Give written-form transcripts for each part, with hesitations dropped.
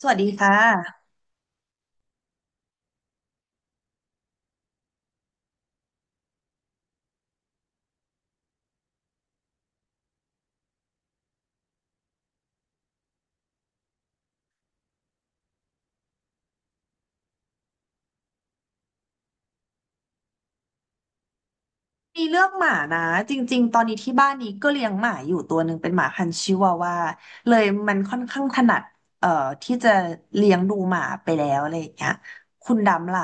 สวัสดีค่ะ มีเรื่องหมานะ จริงๆ ตอนนี้ที่บ้านนี้ก็เลี้ยงหมาอยู่ตัวหนึ่งเป็นหมาพันธุ์ชิวาวาเลยมันค่อนข้างถนัดเอ่อที่จะเลี้ยงดูหมาไปแล้วอะไรอย่างเงี้ยคุณดำล่ะ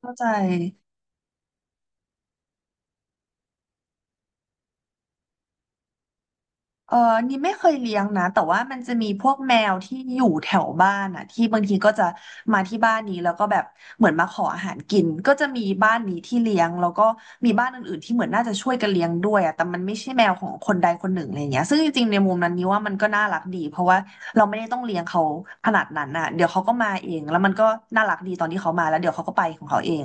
เข้าใจ เออนี่ไม่เคยเลี้ยงนะแต่ว่ามันจะมีพวกแมวที่อยู่แถวบ้านอ่ะที่บางทีก็จะมาที่บ้านนี้แล้วก็แบบเหมือนมาขออาหารกินก็จะมีบ้านนี้ที่เลี้ยงแล้วก็มีบ้านอื่นๆที่เหมือนน่าจะช่วยกันเลี้ยงด้วยอ่ะแต่มันไม่ใช่แมวของคนใดคนหนึ่งอะไรเงี้ยซึ่งจริงๆในมุมนั้นนี่ว่ามันก็น่ารักดีเพราะว่าเราไม่ได้ต้องเลี้ยงเขาขนาดนั้นอ่ะเดี๋ยวเขาก็มาเองแล้วมันก็น่ารักดีตอนที่เขามาแล้วเดี๋ยวเขาก็ไปของเขาเอง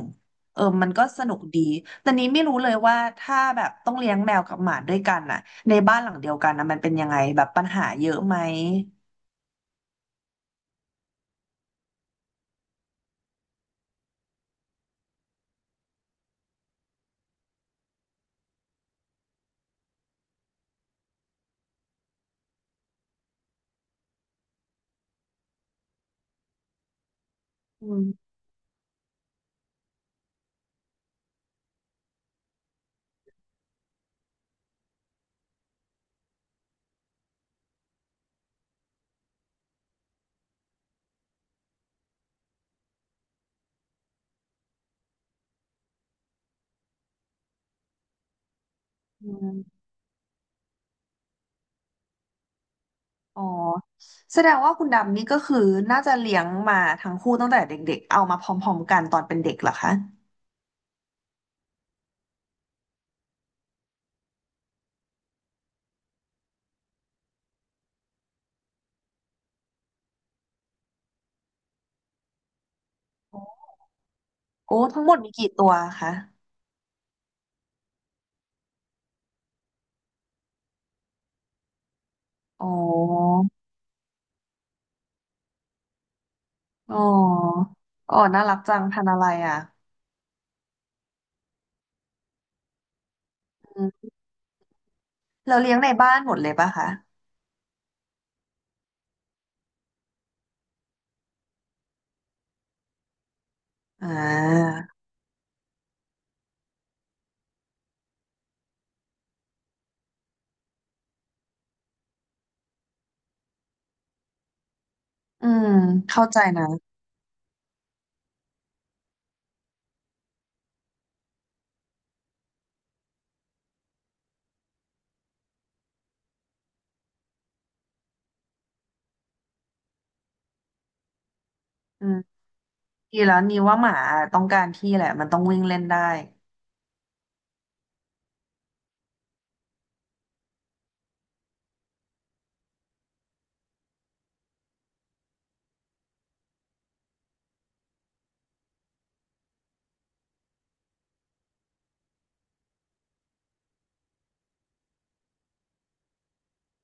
เออมันก็สนุกดี แต่นี้ไม่รู้เลยว่าถ้าแบบต้องเลี้ยงแมวกับหมาด้วยกันน่ะในบ้านหลังเดียวกันนะมันเป็นยังไงแบบปัญหาเยอะไหมอืมอืมอ๋อแสดงว่าคุณดำนี่ก็คือน่าจะเลี้ยงมาทั้งคู่ตั้งแต่เด็กๆ เอามาพร้อมๆกันตอนเป็นเด็กเหรอคะโอ้ทั้งหมดมีกี่ตัวคะ อ๋อ อ๋อ อ๋อน่ารักจังพันธุ์อะไรอ่ะอืมเราเลี้ยงในบ้านหมดเลยปะคะอ่าอืมเข้าใจนะอืม ดีแล้วนี่ว่าหมาต้องการที่แหละมันต้องวิ่งเล่นได้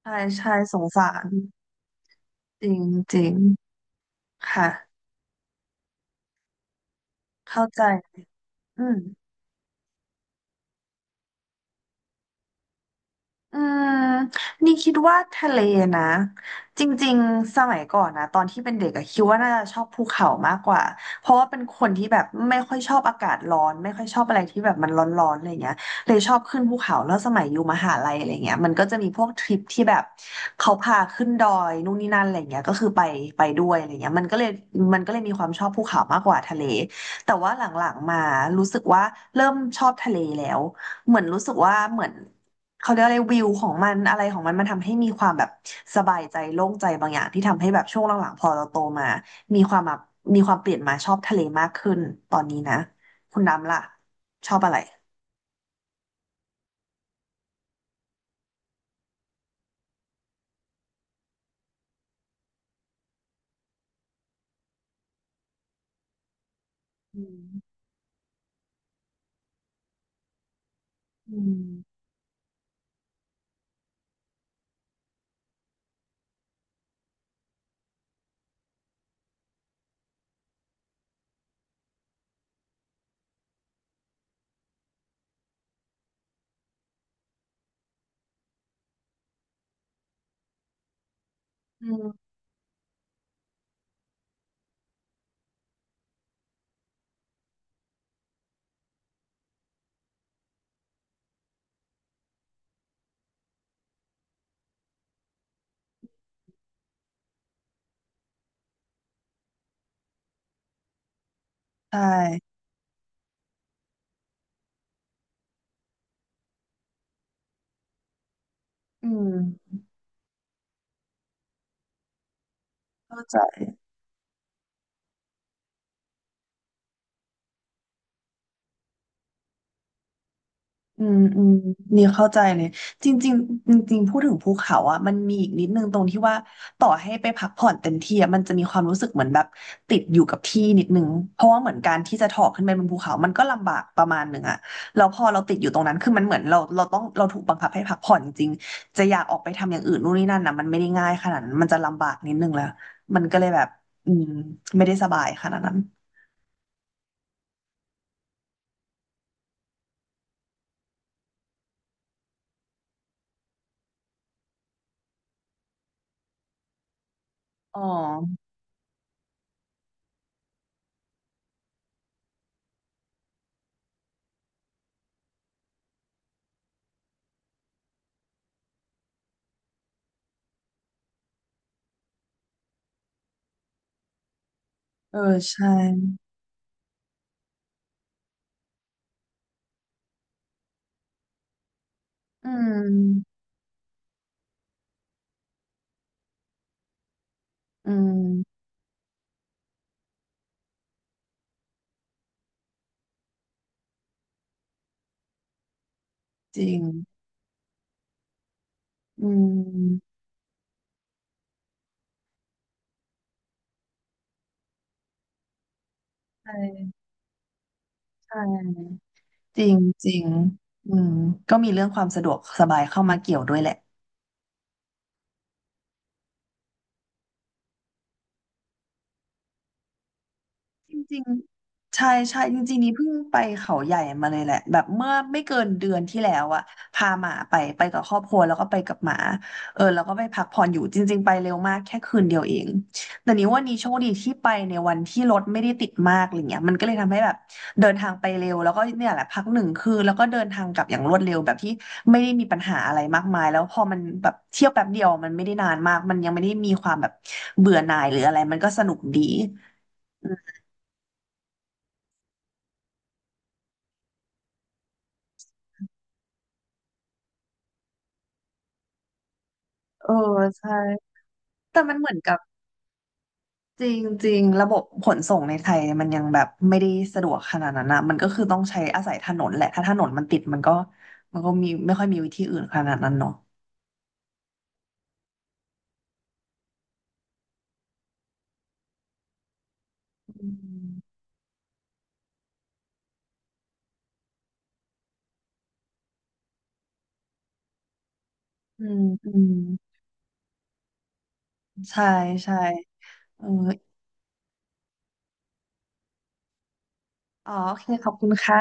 ใช่ใช่สงสารจริงจริงค่ะเข้าใจอืม อืมนี่คิดว่าทะเลนะจริงๆสมัยก่อนนะตอนที่เป็นเด็กอะคิดว่าน่าจะชอบภูเขามากกว่าเพราะว่าเป็นคนที่แบบไม่ค่อยชอบอากาศร้อนไม่ค่อยชอบอะไรที่แบบมันร้อนๆอะไรเงี้ยเลยชอบขึ้นภูเขาแล้วสมัยอยู่มหาลัยอะไรเงี้ยมันก็จะมีพวกทริปที่แบบเขาพาขึ้นดอยนู่นนี่นั่นอะไรเงี้ยก็คือไปไปด้วยอะไรเงี้ยมันก็เลยมีความชอบภูเขามากกว่าทะเลแต่ว่าหลังๆมารู้สึกว่าเริ่มชอบทะเลแล้วเหมือนรู้สึกว่าเหมือน เขาเรียกอะไรวิวของมันอะไรของมันมันทำให้มีความแบบสบายใจโล่งใจบางอย่างที่ทำให้แบบช่วงหลังๆพอเราโตมามีความแบบมีความเปลี่ยนมาชอบทะเลมากขึ้นตอนนี้นะคุณน้ำล่ะชอบอะไรอืมอืมอืมใช่อืมเข้าใจ อืมอืมนี่เข้าใจเลยจริงๆจริงๆพูดถึงภูเขาอ่ะมันมีอีกนิดนึงตรงที่ว่าต่อให้ไปพักผ่อนเต็มที่อ่ะมันจะมีความรู้สึกเหมือนแบบติดอยู่กับที่นิดนึงเพราะว่าเหมือนการที่จะถอกขึ้นไปบนภูเขามันก็ลำบากประมาณหนึ่งอ่ะแล้วพอเราติดอยู่ตรงนั้นคือมันเหมือนเราต้องเราถูกบังคับให้พักผ่อนจริงๆจะอยากออกไปทำอย่างอื่นนู่นนี่นั่นนะมันไม่ได้ง่ายขนาดนั้นมันจะลำบากนิดนึงแล้วมันก็เลยแบบอืมไม่ได้สบายขนาดนั้นอ๋อเออใช่อืมอืมจริง อืมใช่ใช่จริงจริงอืมก็มีเรื่องความสะดวกสบายเข้ามาเกี่ยวด้วยแหละ จริงๆใช่ใช่จริงๆนี่เพิ่งไปเขาใหญ่มาเลยแหละแบบเมื่อไม่เกินเดือนที่แล้วอะพาหมาไปไปกับครอบครัวแล้วก็ไปกับหมาเออแล้วก็ไปพักผ่อนอยู่จริงๆไปเร็วมากแค่คืนเดียวเองแต่นี้ว่านี้โชคดีที่ไปในวันที่รถไม่ได้ติดมากอะไรเงี้ยมันก็เลยทำให้แบบเดินทางไปเร็วแล้วก็เนี่ยแหละพักหนึ่งคืนแล้วก็เดินทางกลับอย่างรวดเร็วแบบที่ไม่ได้มีปัญหาอะไรมากมายแล้วพอมันแบบเที่ยวแป๊บเดียวมันไม่ได้นานมากมันยังไม่ได้มีความแบบเบื่อหน่ายหรืออะไรมันก็สนุกดี เออใช่แต่มันเหมือนกับจริงๆระบบขนส่งในไทยมันยังแบบไม่ได้สะดวกขนาดนั้นนะมันก็คือต้องใช้อาศัยถนนแหละถ้าถนนมันติดมันก็มีไม่ค่อยมีวิธีอื่นขนาดนั้นเนาะอืมอืมอืมใช่ใช่เอออ๋อโอเคขอบคุณค่ะ